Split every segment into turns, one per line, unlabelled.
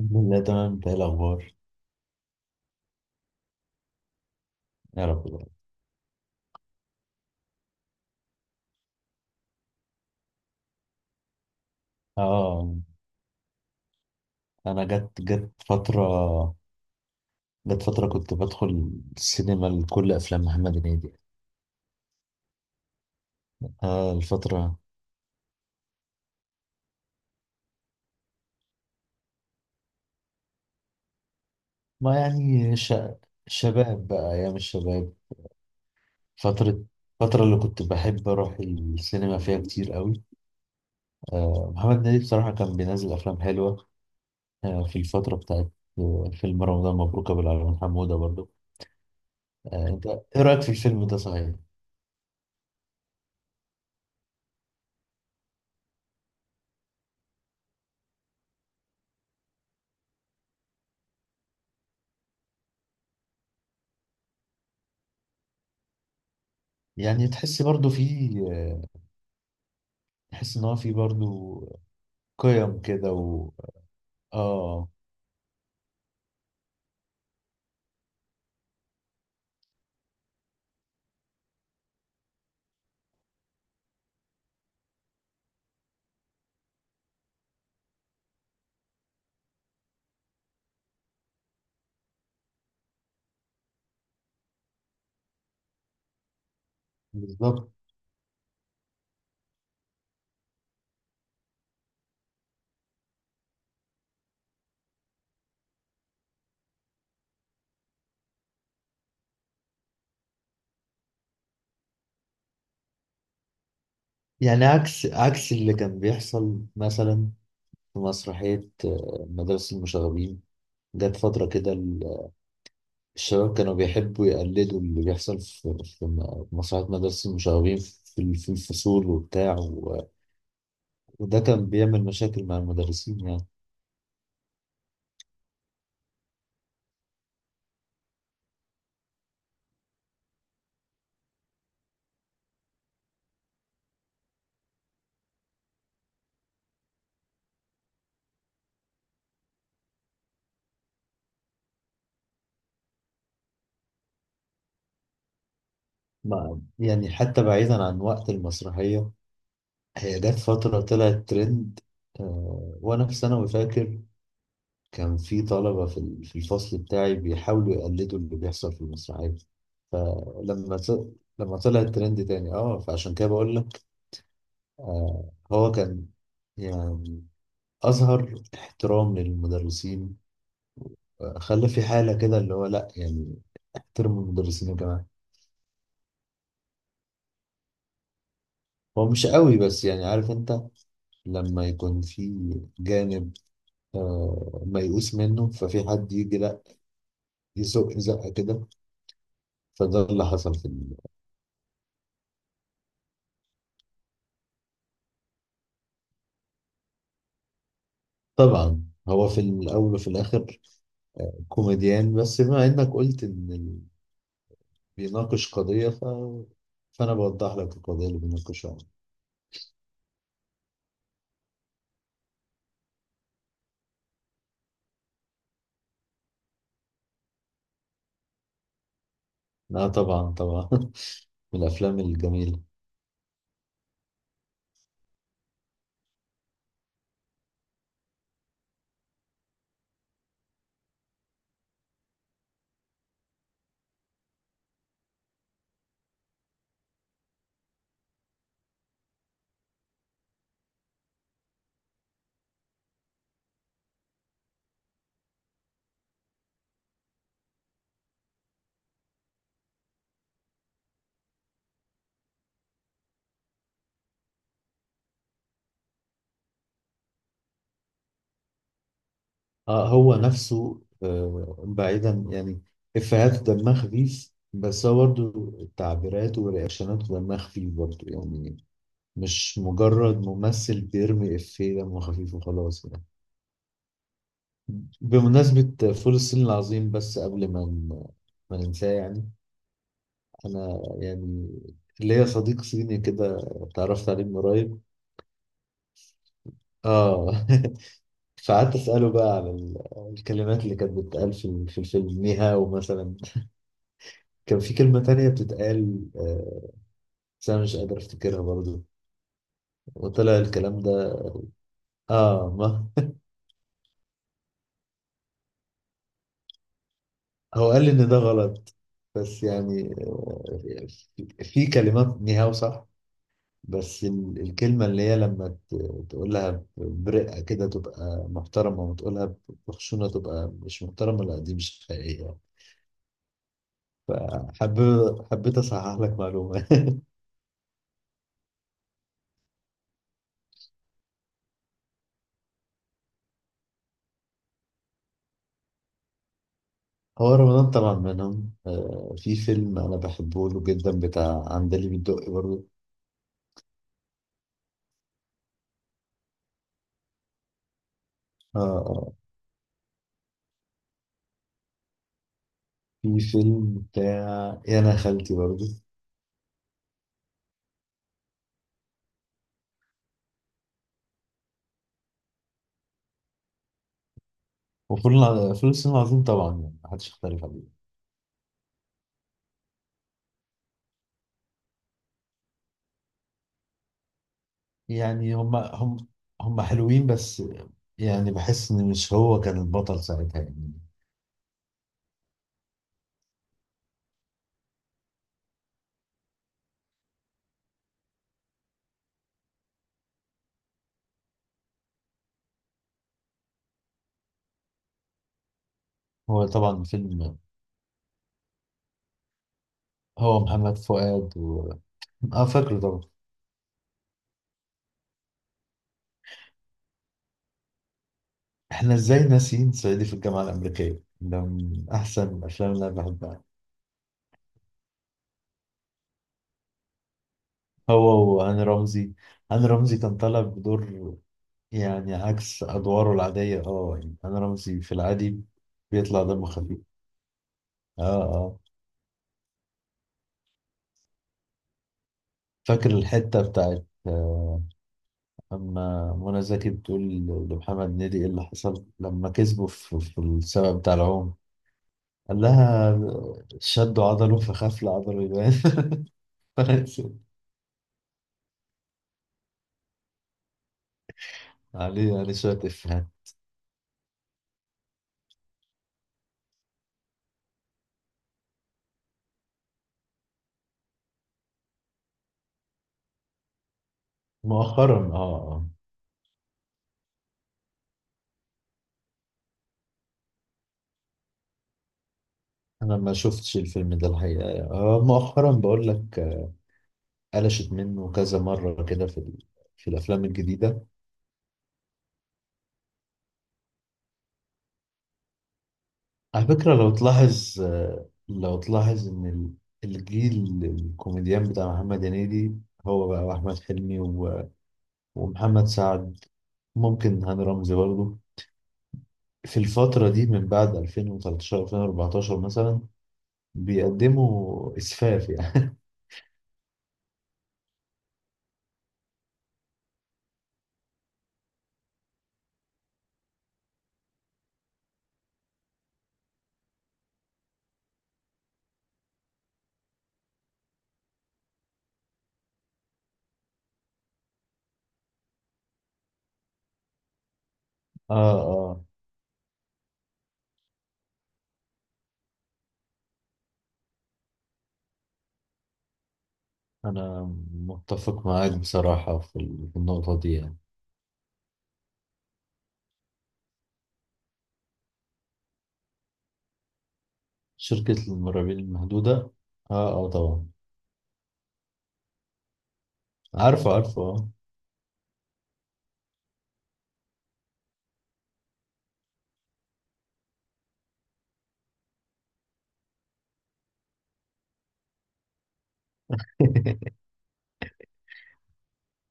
الحمد لله تمام. انت ايه الاخبار؟ يا رب دايما. اه، انا جت فتره. جت فتره كنت بدخل السينما لكل افلام محمد هنيدي. اه الفتره. ما يعني ش... شباب بقى، ايام الشباب. فتره، الفتره اللي كنت بحب اروح السينما فيها كتير قوي. آه محمد هنيدي بصراحه كان بينزل افلام حلوه. آه، في الفتره بتاعت، آه، فيلم رمضان مبروك ابو العلمين حموده برضو. آه، انت ايه رايك في الفيلم ده صحيح؟ يعني تحس برضو فيه، تحس ان هو في برضو قيم كده اه، بالظبط. يعني عكس اللي كان بيحصل مثلا في مسرحية، آه، مدرسة المشاغبين. جت فترة كده، الشباب كانوا بيحبوا يقلدوا اللي بيحصل في مسرحية مدرسة المشاغبين في في الفصول وبتاع وده كان بيعمل مشاكل مع المدرسين يعني. مع يعني حتى بعيدا عن وقت المسرحية، هي جت فترة طلعت ترند. آه، وأنا في ثانوي فاكر كان في طلبة في في الفصل بتاعي بيحاولوا يقلدوا اللي بيحصل في المسرحية. فلما ط- لما طلع الترند تاني. اه فعشان كده بقول لك آه هو كان يعني أظهر احترام للمدرسين. آه، خلى في حالة كده اللي هو لأ يعني احترموا المدرسين يا جماعة. هو مش قوي بس يعني، عارف انت لما يكون في جانب آه ميؤوس منه ففي حد يجي لأ يزق زقة كده. فده اللي حصل طبعا هو في الأول وفي الآخر كوميديان، بس بما إنك قلت إن بيناقش قضية فأنا بوضح لك القضية اللي بيناقشها. لا طبعا، طبعا. من الأفلام الجميلة. آه هو نفسه، آه بعيدا يعني إفيهاته دمها خفيف، بس هو برضه تعبيراته ورياكشناته دمها خفيف برضه يعني. مش مجرد ممثل بيرمي إفيه دمه خفيف وخلاص يعني. بمناسبة فول الصين العظيم، بس قبل ما ننساه يعني. انا يعني ليا صديق صيني كده اتعرفت عليه من قريب. اه. فقعدت اساله بقى على الكلمات اللي كانت بتتقال في في الفيلم، نيهاو مثلا. كان في كلمه تانية بتتقال، آه، بس انا مش قادر افتكرها برضه. وطلع الكلام ده. اه. ما هو قال لي ان ده غلط. بس يعني، آه، في في كلمات نيهاو صح، بس الكلمة اللي هي لما تقولها برقة كده تبقى محترمة، وتقولها بخشونة تبقى مش محترمة. لا دي مش حقيقية. فحب، حبيت أصحح لك معلومة. هو رمضان طبعا منهم. آه، في فيلم أنا بحبه له جدا بتاع عندليب الدقي برضه. آه آه. في فيلم بتاع يا أنا خالتي برضه. وفول الع- فول الصين العظيم طبعا يعني محدش يختلف عليه. يعني هم حلوين، بس يعني بحس ان مش هو كان البطل ساعتها يعني. هو طبعا فيلم، هو محمد فؤاد اه فاكره طبعا. احنا ازاي ناسيين صعيدي في الجامعة الأمريكية؟ ده من احسن الافلام اللي انا بحبها. هو وهاني رمزي. هاني رمزي كان طالع بدور يعني عكس ادواره العادية. اه يعني هاني رمزي في العادي بيطلع دمه خفيف. اه. اه. فاكر الحتة بتاعت، آه، أما منى زكي بتقول لمحمد هنيدي إيه اللي حصل لما كسبه في السبب بتاع العوم؟ قال لها شدوا عضله فخاف العضله يبان. عليه يعني شوية إفيهات. مؤخرا، آه آه. أنا ما شفتش الفيلم ده الحقيقة يعني. آه مؤخرا بقول لك قلشت منه كذا مرة كده في في الأفلام الجديدة. على فكرة لو تلاحظ، آه، لو تلاحظ إن الجيل الكوميديان بتاع محمد هنيدي، هو بقى وأحمد حلمي ومحمد سعد، ممكن هاني رمزي برضه، في الفترة دي من بعد 2013 2014 مثلا بيقدموا إسفاف يعني. آه آه. أنا متفق معاك بصراحة في في النقطة دي يعني. شركة المرعبين المحدودة، آه آه طبعا. عارفه عارفه، آه.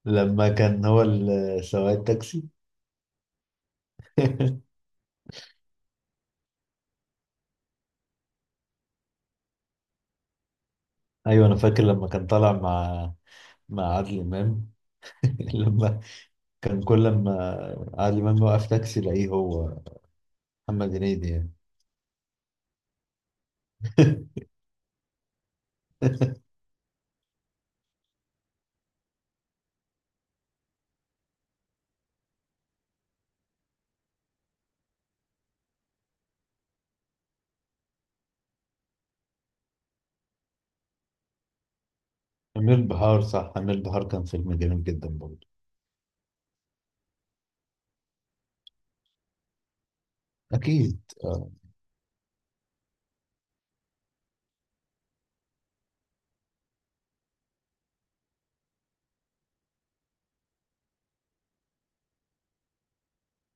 لما كان هو سواق التاكسي. أيوه أنا فاكر لما كان طالع مع، مع عادل إمام. لما كان كل لما عادل إمام يوقف تاكسي يلاقيه هو محمد هنيدي يعني. أمير بحار، صح، أمير بحار كان فيلم جميل جدا برضه. أكيد، آه.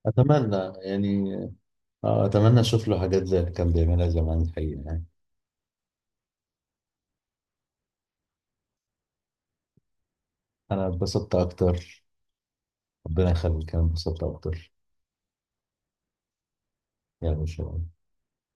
أتمنى يعني، آه أتمنى أشوف له حاجات زي اللي كان بيعملها زمان الحقيقة يعني. أنا اتبسطت أكتر، ربنا يخليك، أنا اتبسطت أكتر. يعني إن شاء الله.